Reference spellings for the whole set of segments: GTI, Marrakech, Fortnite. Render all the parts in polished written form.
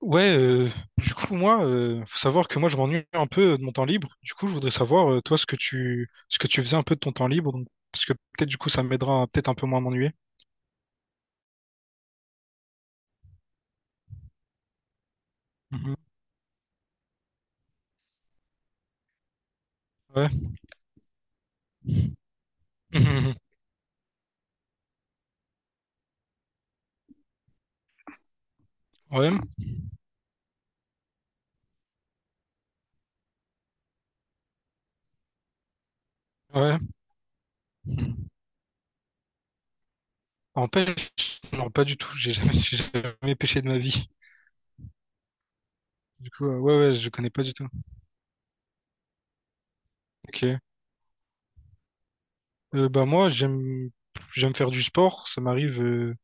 Ouais, euh, du coup, moi, faut savoir que moi, je m'ennuie un peu de mon temps libre. Du coup, je voudrais savoir, toi, ce que tu faisais un peu de ton temps libre, donc, parce que peut-être, du coup, ça m'aidera à peut-être un peu moins m'ennuyer. Mhm. Ouais. Mhm. Ouais. Ouais. Mhm. En pêche, non, pas du tout. J'ai jamais, j'ai jamais pêché de ma vie. Du coup, ouais, ouais, je connais pas du tout. Ok. Moi, j'aime faire du sport. Ça m'arrive,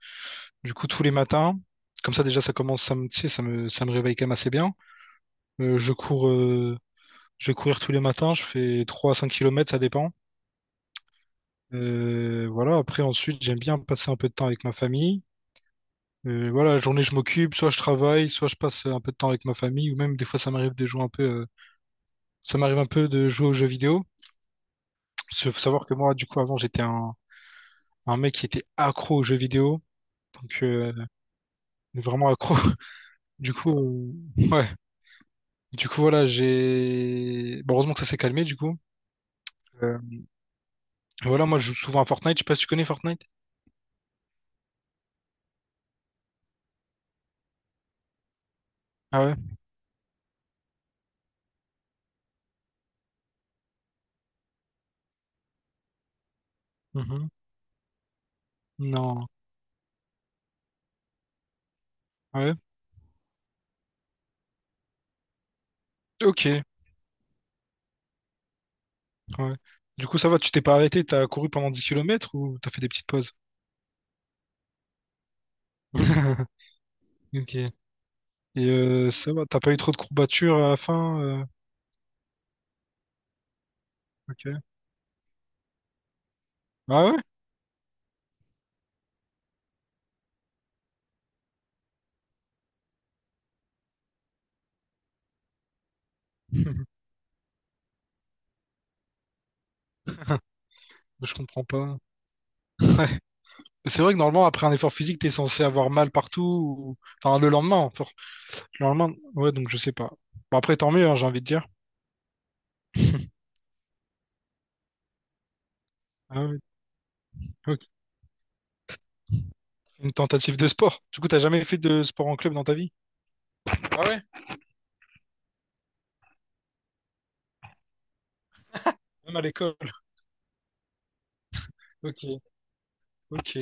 du coup, tous les matins. Comme ça, déjà, ça me, tu sais, ça me réveille quand même assez bien. Je cours. Je vais courir tous les matins, je fais 3 à 5 kilomètres, ça dépend. Voilà, après, ensuite, j'aime bien passer un peu de temps avec ma famille. Voilà, la journée, je m'occupe, soit je travaille, soit je passe un peu de temps avec ma famille, ou même des fois, ça m'arrive un peu de jouer aux jeux vidéo. Parce qu'il faut savoir que moi, du coup, avant, un mec qui était accro aux jeux vidéo, donc euh, vraiment accro. Du coup, euh, ouais, du coup, voilà, j'ai. Bon, heureusement que ça s'est calmé, du coup. Euh, voilà, moi, je joue souvent à Fortnite, je sais pas si tu connais Fortnite. Ah ouais? Mhm. Non. Ouais. Ok, ouais. Du coup, ça va, tu t'es pas arrêté, t'as couru pendant 10 kilomètres ou t'as fait des petites pauses? Ok. Et ça va, t'as pas eu trop de courbatures à la fin? Ok. Ah ouais? Hmm, je comprends pas. Mais c'est vrai que normalement, après un effort physique, t'es censé avoir mal partout. Enfin, le lendemain. Le lendemain, ouais, donc je sais pas. Bon, après, tant mieux, hein, j'ai envie de dire. Ah ouais, ok. Une tentative de sport. Du coup, t'as jamais fait de sport en club dans ta vie? Ah ouais? Même à l'école. Ok, ok.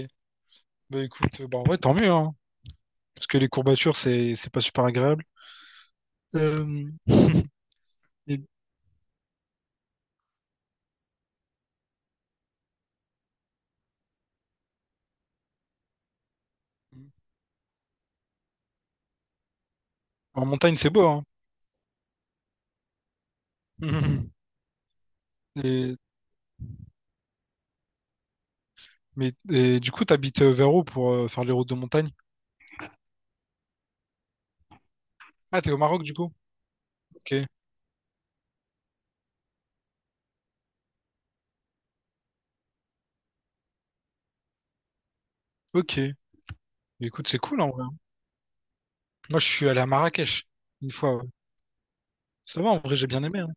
Bah écoute, bah ouais, tant mieux, hein. Parce que les courbatures, c'est pas super agréable. Euh, et- en montagne, c'est beau, hein. Et, et du coup, t'habites vers où pour faire les routes de montagne? Ah, t'es au Maroc, du coup? Ok. Ok. Mais écoute, c'est cool, en vrai. Hein. Moi, je suis allé à Marrakech, une fois. Ouais. Ça va, en vrai, j'ai bien aimé. Hein.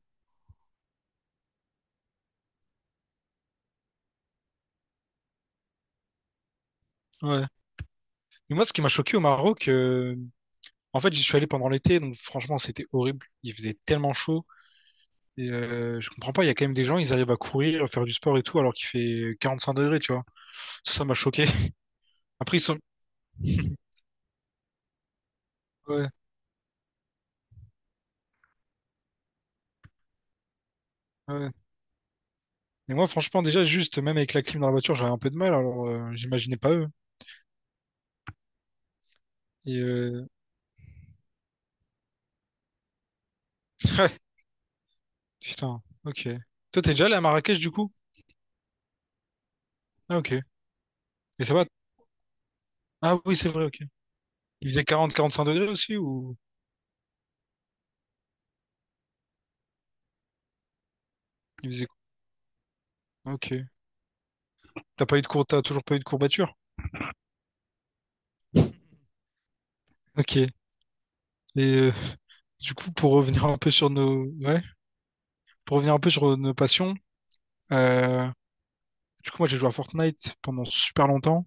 Ouais. Mais moi, ce qui m'a choqué au Maroc, en fait, j'y suis allé pendant l'été, donc franchement, c'était horrible. Il faisait tellement chaud. Et je comprends pas, il y a quand même des gens, ils arrivent à courir, à faire du sport et tout, alors qu'il fait 45 degrés, tu vois. Ça m'a choqué. Après, ils sont... Ouais, ouais. Mais moi, franchement, déjà, juste, même avec la clim dans la voiture, j'avais un peu de mal, alors j'imaginais pas eux. Et ouais, putain, ok. Toi, t'es déjà allé à Marrakech, du coup? Ah, ok. Et ça va? Ah oui, c'est vrai, ok. Il faisait 40-45 degrés aussi, ou il faisait... Ok. T'as pas eu de cour... T'as toujours pas eu de courbature? Ok. Et euh, pour revenir un peu sur nos... Ouais, pour revenir un peu sur nos passions, euh, du coup, moi, j'ai joué à Fortnite pendant super longtemps.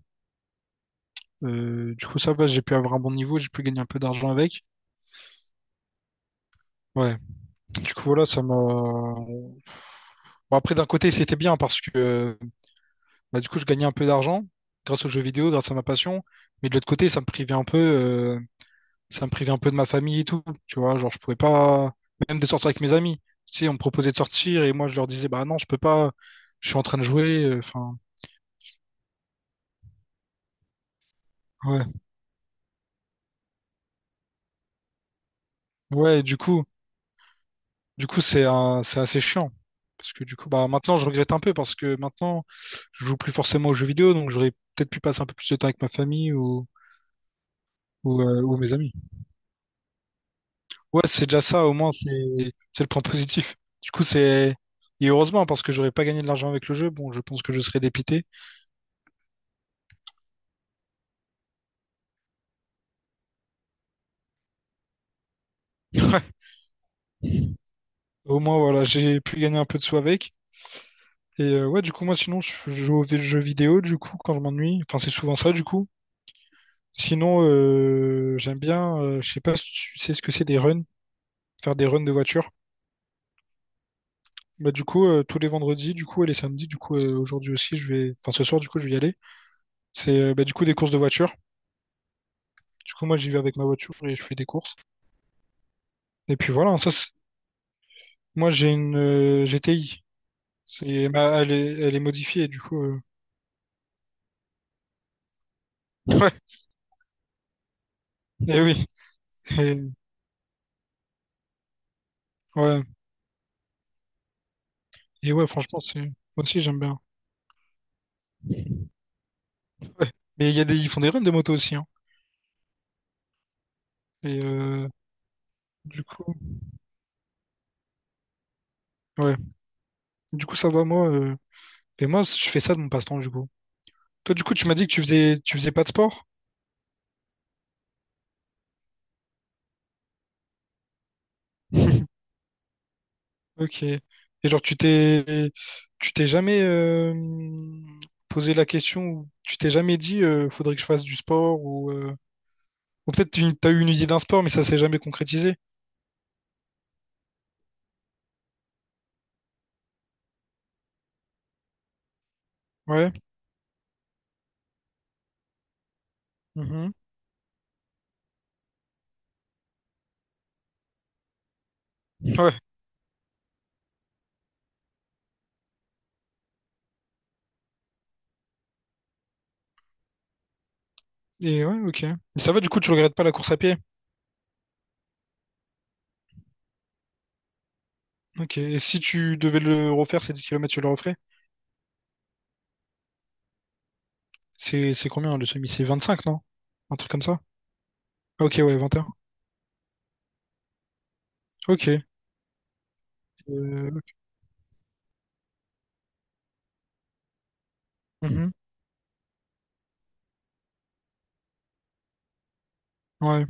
Du coup, ça va, j'ai pu avoir un bon niveau, j'ai pu gagner un peu d'argent avec. Ouais. Du coup, voilà, ça m'a... Bon, après, d'un côté, c'était bien parce que bah, du coup, je gagnais un peu d'argent grâce aux jeux vidéo, grâce à ma passion. Mais de l'autre côté, ça me privait un peu de ma famille et tout. Tu vois, genre, je pouvais pas, même de sortir avec mes amis. Tu sais, on me proposait de sortir et moi, je leur disais, bah non, je peux pas, je suis en train de jouer. Enfin, ouais. Ouais, du coup, du coup, c'est assez chiant. Parce que du coup, bah maintenant, je regrette un peu parce que maintenant, je joue plus forcément aux jeux vidéo, donc j'aurais peut-être pu passer un peu plus de temps avec ma famille ou mes amis. Ouais, c'est déjà ça, au moins, c'est le point positif. Du coup, c'est. Et heureusement, parce que j'aurais pas gagné de l'argent avec le jeu, bon, je pense que je serais dépité. Ouais. Au moins, voilà, j'ai pu gagner un peu de sous avec. Et ouais, du coup, moi, sinon, je joue aux jeux vidéo, du coup, quand je m'ennuie. Enfin, c'est souvent ça, du coup. Sinon, j'aime bien, je sais pas si tu sais ce que c'est des runs, faire des runs de voiture. Bah, du coup, tous les vendredis, du coup, et les samedis, du coup, aujourd'hui aussi, enfin, ce soir, du coup, je vais y aller. Bah, du coup, des courses de voiture. Du coup, moi, j'y vais avec ma voiture et je fais des courses. Et puis voilà, hein, moi, j'ai une GTI. C'est, bah, elle est modifiée, du coup. Ouais, et, ouais, et ouais, franchement, moi aussi, j'aime bien. Ouais. Mais il y a des, ils font des runs de moto aussi, hein. Et du coup, ouais, du coup, ça va, moi. Et moi, je fais ça de mon passe-temps, du coup. Toi, du coup, tu m'as dit tu faisais pas de sport? Ok. Et genre, tu t'es jamais posé la question, ou tu t'es jamais dit, faudrait que je fasse du sport, ou peut-être tu as eu une idée d'un sport, mais ça s'est jamais concrétisé. Ouais. Mhm. Ouais. Et ouais, ok. Et ça va, du coup, tu regrettes pas la course à pied. Ok. Et si tu devais le refaire, ces 10 kilomètres, tu le referais? C'est combien le semi? C'est 25 non? Un truc comme ça? Ok, ouais, 21. Ok. Euh, mhm. Ouais.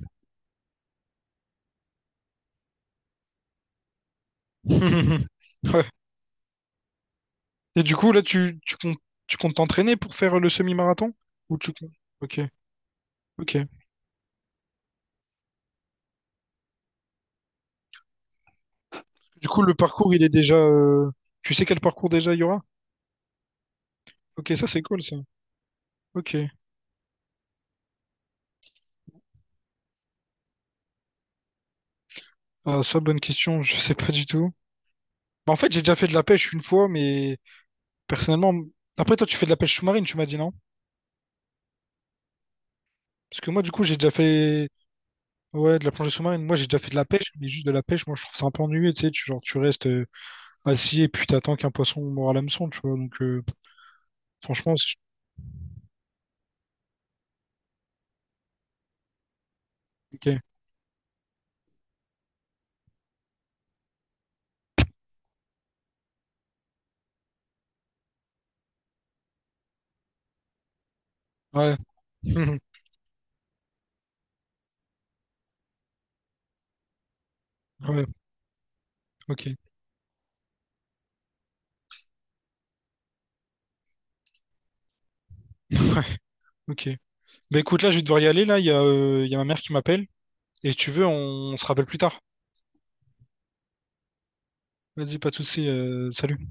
Ouais. Et du coup, là, tu comptes t'entraîner pour faire le semi-marathon? Ou tu comptes... Ok, ok. Du coup, le parcours, il est déjà... Tu sais quel parcours déjà il y aura? Ok, ça, c'est cool, ça. Ok. Ah, ça, bonne question, je sais pas du tout. Bah, en fait, j'ai déjà fait de la pêche une fois, mais personnellement... Après, toi, tu fais de la pêche sous-marine, tu m'as dit, non? Parce que moi, du coup, j'ai déjà fait... Ouais, de la plongée sous-marine. Moi, j'ai déjà fait de la pêche, mais juste de la pêche, moi, je trouve ça un peu ennuyeux, tu sais. Tu, genre, tu restes assis et puis t'attends qu'un poisson mord à l'hameçon, tu vois. Franchement, c'est- ok. Ouais. Ouais. Ok, ok. Bah écoute, là, je vais devoir y aller. Là, il y a ma mère qui m'appelle. Et si tu veux, on se rappelle plus tard. Vas-y, pas de souci. Salut.